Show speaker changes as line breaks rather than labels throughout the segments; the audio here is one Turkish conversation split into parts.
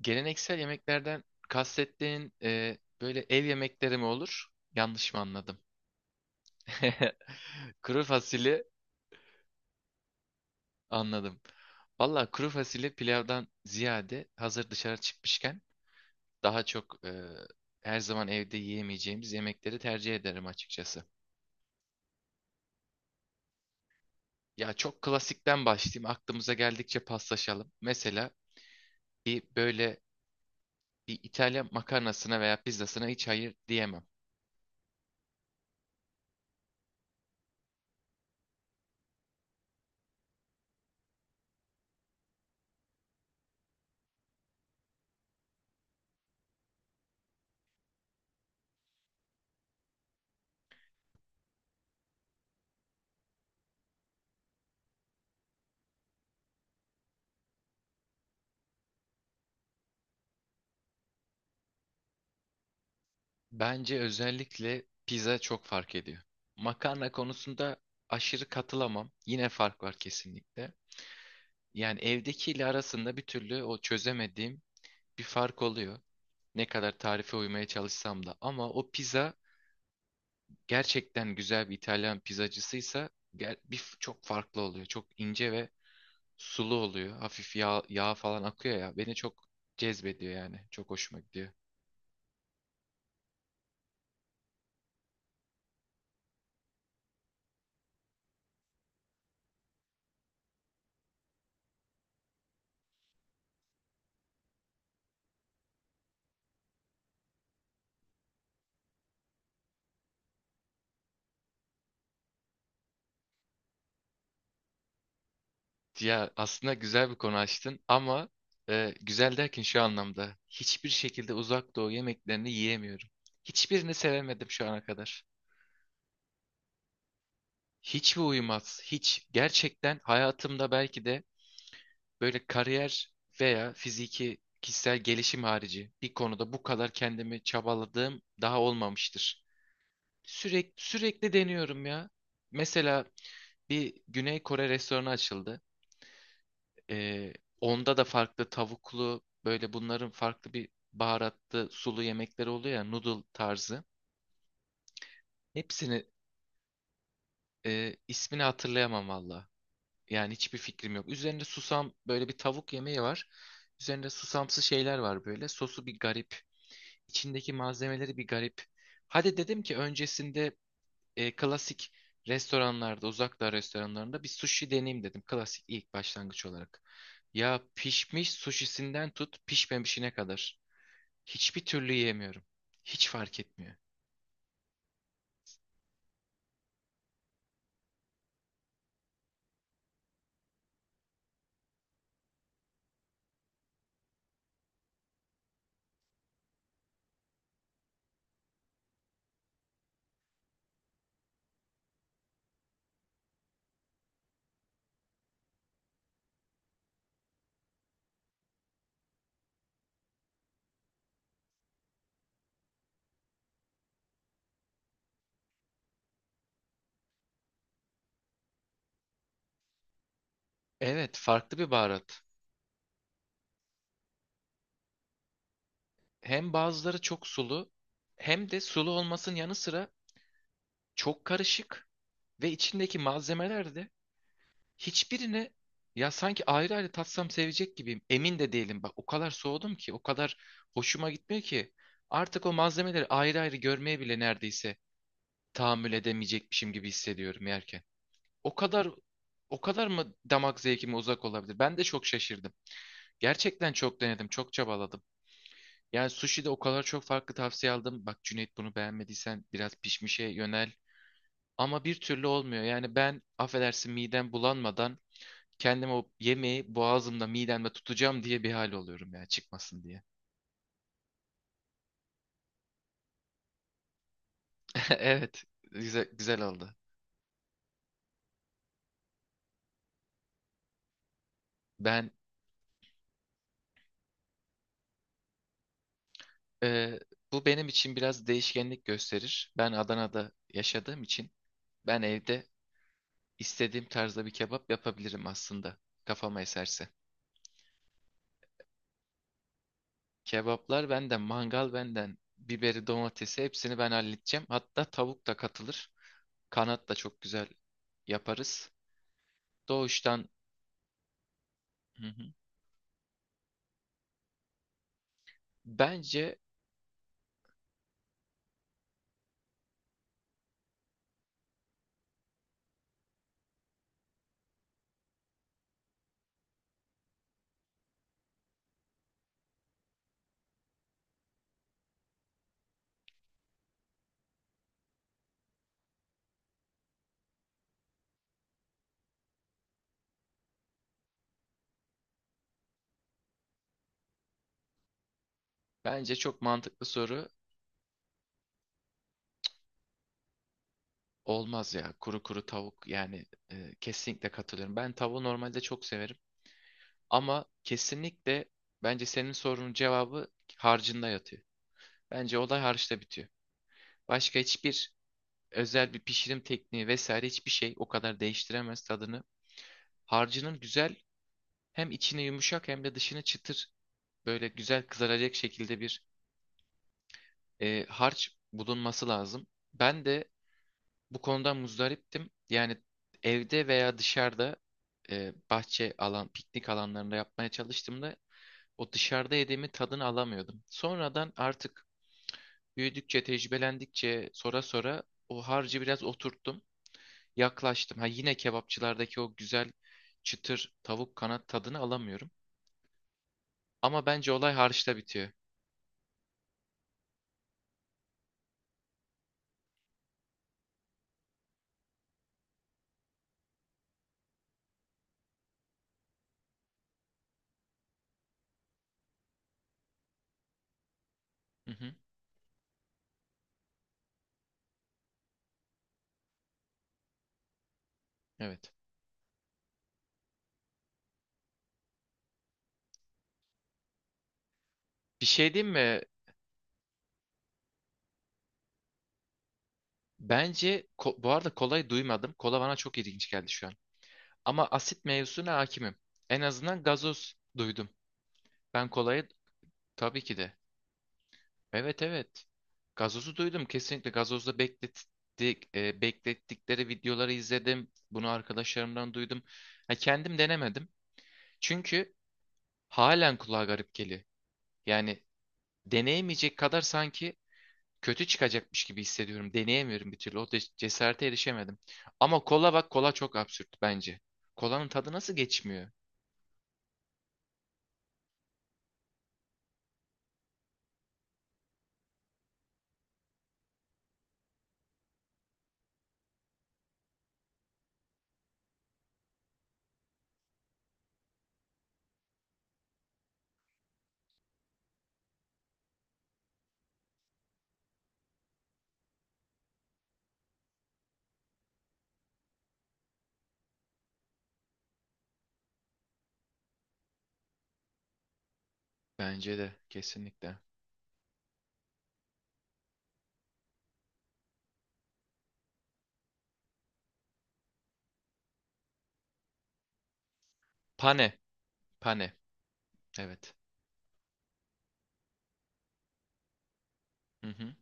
Geleneksel yemeklerden kastettiğin böyle ev yemekleri mi olur? Yanlış mı anladım? Kuru fasulye anladım. Valla kuru fasulye pilavdan ziyade hazır dışarı çıkmışken daha çok her zaman evde yiyemeyeceğimiz yemekleri tercih ederim açıkçası. Ya çok klasikten başlayayım. Aklımıza geldikçe paslaşalım. Mesela bir böyle bir İtalyan makarnasına veya pizzasına hiç hayır diyemem. Bence özellikle pizza çok fark ediyor. Makarna konusunda aşırı katılamam. Yine fark var kesinlikle. Yani evdekiyle arasında bir türlü o çözemediğim bir fark oluyor. Ne kadar tarife uymaya çalışsam da. Ama o pizza gerçekten güzel bir İtalyan pizzacısıysa çok farklı oluyor. Çok ince ve sulu oluyor. Hafif yağ falan akıyor ya. Beni çok cezbediyor yani. Çok hoşuma gidiyor. Ya aslında güzel bir konu açtın ama güzel derken şu anlamda hiçbir şekilde Uzak Doğu yemeklerini yiyemiyorum. Hiçbirini sevemedim şu ana kadar. Hiç mi uyumaz? Hiç. Gerçekten hayatımda belki de böyle kariyer veya fiziki kişisel gelişim harici bir konuda bu kadar kendimi çabaladığım daha olmamıştır. Sürekli sürekli deniyorum ya. Mesela bir Güney Kore restoranı açıldı. Ee, Onda da farklı tavuklu böyle bunların farklı bir baharatlı sulu yemekleri oluyor ya, noodle tarzı. Hepsini ismini hatırlayamam valla. Yani hiçbir fikrim yok. Üzerinde susam böyle bir tavuk yemeği var. Üzerinde susamsı şeyler var böyle. Sosu bir garip. İçindeki malzemeleri bir garip. Hadi dedim ki öncesinde klasik restoranlarda, uzak doğu restoranlarında bir sushi deneyeyim dedim. Klasik ilk başlangıç olarak. Ya pişmiş sushisinden tut pişmemişine kadar. Hiçbir türlü yiyemiyorum. Hiç fark etmiyor. Evet, farklı bir baharat. Hem bazıları çok sulu, hem de sulu olmasının yanı sıra çok karışık ve içindeki malzemeler de hiçbirine, ya sanki ayrı ayrı tatsam sevecek gibiyim. Emin de değilim. Bak o kadar soğudum ki, o kadar hoşuma gitmiyor ki. Artık o malzemeleri ayrı ayrı görmeye bile neredeyse tahammül edemeyecekmişim gibi hissediyorum yerken. O kadar o kadar mı damak zevkime uzak olabilir? Ben de çok şaşırdım. Gerçekten çok denedim, çok çabaladım. Yani sushi'de o kadar çok farklı tavsiye aldım. Bak Cüneyt, bunu beğenmediysen biraz pişmişe yönel. Ama bir türlü olmuyor. Yani ben, affedersin, midem bulanmadan kendim o yemeği boğazımda midemde tutacağım diye bir hal oluyorum ya, çıkmasın diye. Evet, güzel, güzel oldu. Ben e, Bu benim için biraz değişkenlik gösterir. Ben Adana'da yaşadığım için ben evde istediğim tarzda bir kebap yapabilirim aslında, kafama eserse. Kebaplar benden, mangal benden, biberi, domatesi hepsini ben halledeceğim. Hatta tavuk da katılır. Kanat da çok güzel yaparız. Doğuştan Hı hı. bence bence çok mantıklı soru, olmaz ya. Kuru kuru tavuk yani, kesinlikle katılıyorum. Ben tavuğu normalde çok severim ama kesinlikle bence senin sorunun cevabı harcında yatıyor. Bence olay harçta bitiyor. Başka hiçbir özel bir pişirim tekniği vesaire hiçbir şey o kadar değiştiremez tadını. Harcının güzel Hem içine yumuşak hem de dışına çıtır, böyle güzel kızaracak şekilde bir harç bulunması lazım. Ben de bu konudan muzdariptim. Yani evde veya dışarıda, bahçe alan, piknik alanlarında yapmaya çalıştığımda o dışarıda yediğimi tadını alamıyordum. Sonradan artık büyüdükçe, tecrübelendikçe, sonra sonra o harcı biraz oturttum, yaklaştım. Ha, yine kebapçılardaki o güzel çıtır tavuk kanat tadını alamıyorum. Ama bence olay harçta bitiyor. Hı hı. Evet. Bir şey diyeyim mi? Bence bu arada kolayı duymadım. Kola bana çok ilginç geldi şu an. Ama asit mevzusuna hakimim. En azından gazoz duydum. Ben kolayı, tabii ki de. Evet, evet. Gazozu duydum. Kesinlikle gazozda beklettik, beklettikleri videoları izledim. Bunu arkadaşlarımdan duydum. Ha, kendim denemedim. Çünkü halen kulağa garip geliyor. Yani deneyemeyecek kadar sanki kötü çıkacakmış gibi hissediyorum. Deneyemiyorum bir türlü. Cesarete erişemedim. Ama kola, bak, kola çok absürt bence. Kolanın tadı nasıl geçmiyor? Bence de kesinlikle. Pane. Pane. Evet. Hı hı.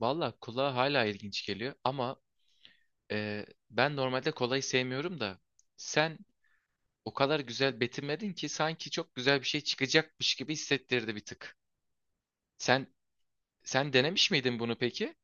Valla kola hala ilginç geliyor ama ben normalde kolayı sevmiyorum da sen o kadar güzel betimledin ki sanki çok güzel bir şey çıkacakmış gibi hissettirdi bir tık. Sen sen denemiş miydin bunu peki?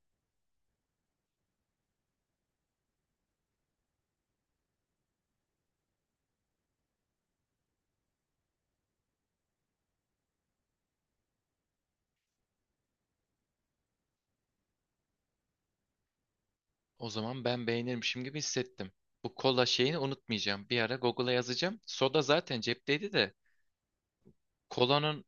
O zaman ben beğenirmişim gibi hissettim. Bu kola şeyini unutmayacağım. Bir ara Google'a yazacağım. Soda zaten cepteydi de. Kolanın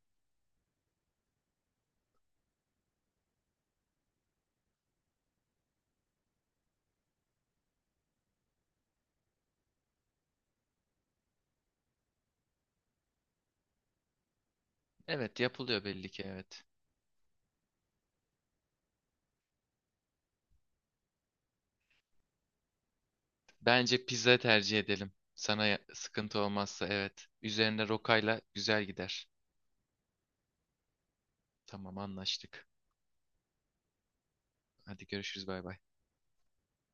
evet, yapılıyor belli ki, evet. Bence pizza tercih edelim. Sana sıkıntı olmazsa, evet. Üzerine rokayla güzel gider. Tamam, anlaştık. Hadi görüşürüz, bay bay.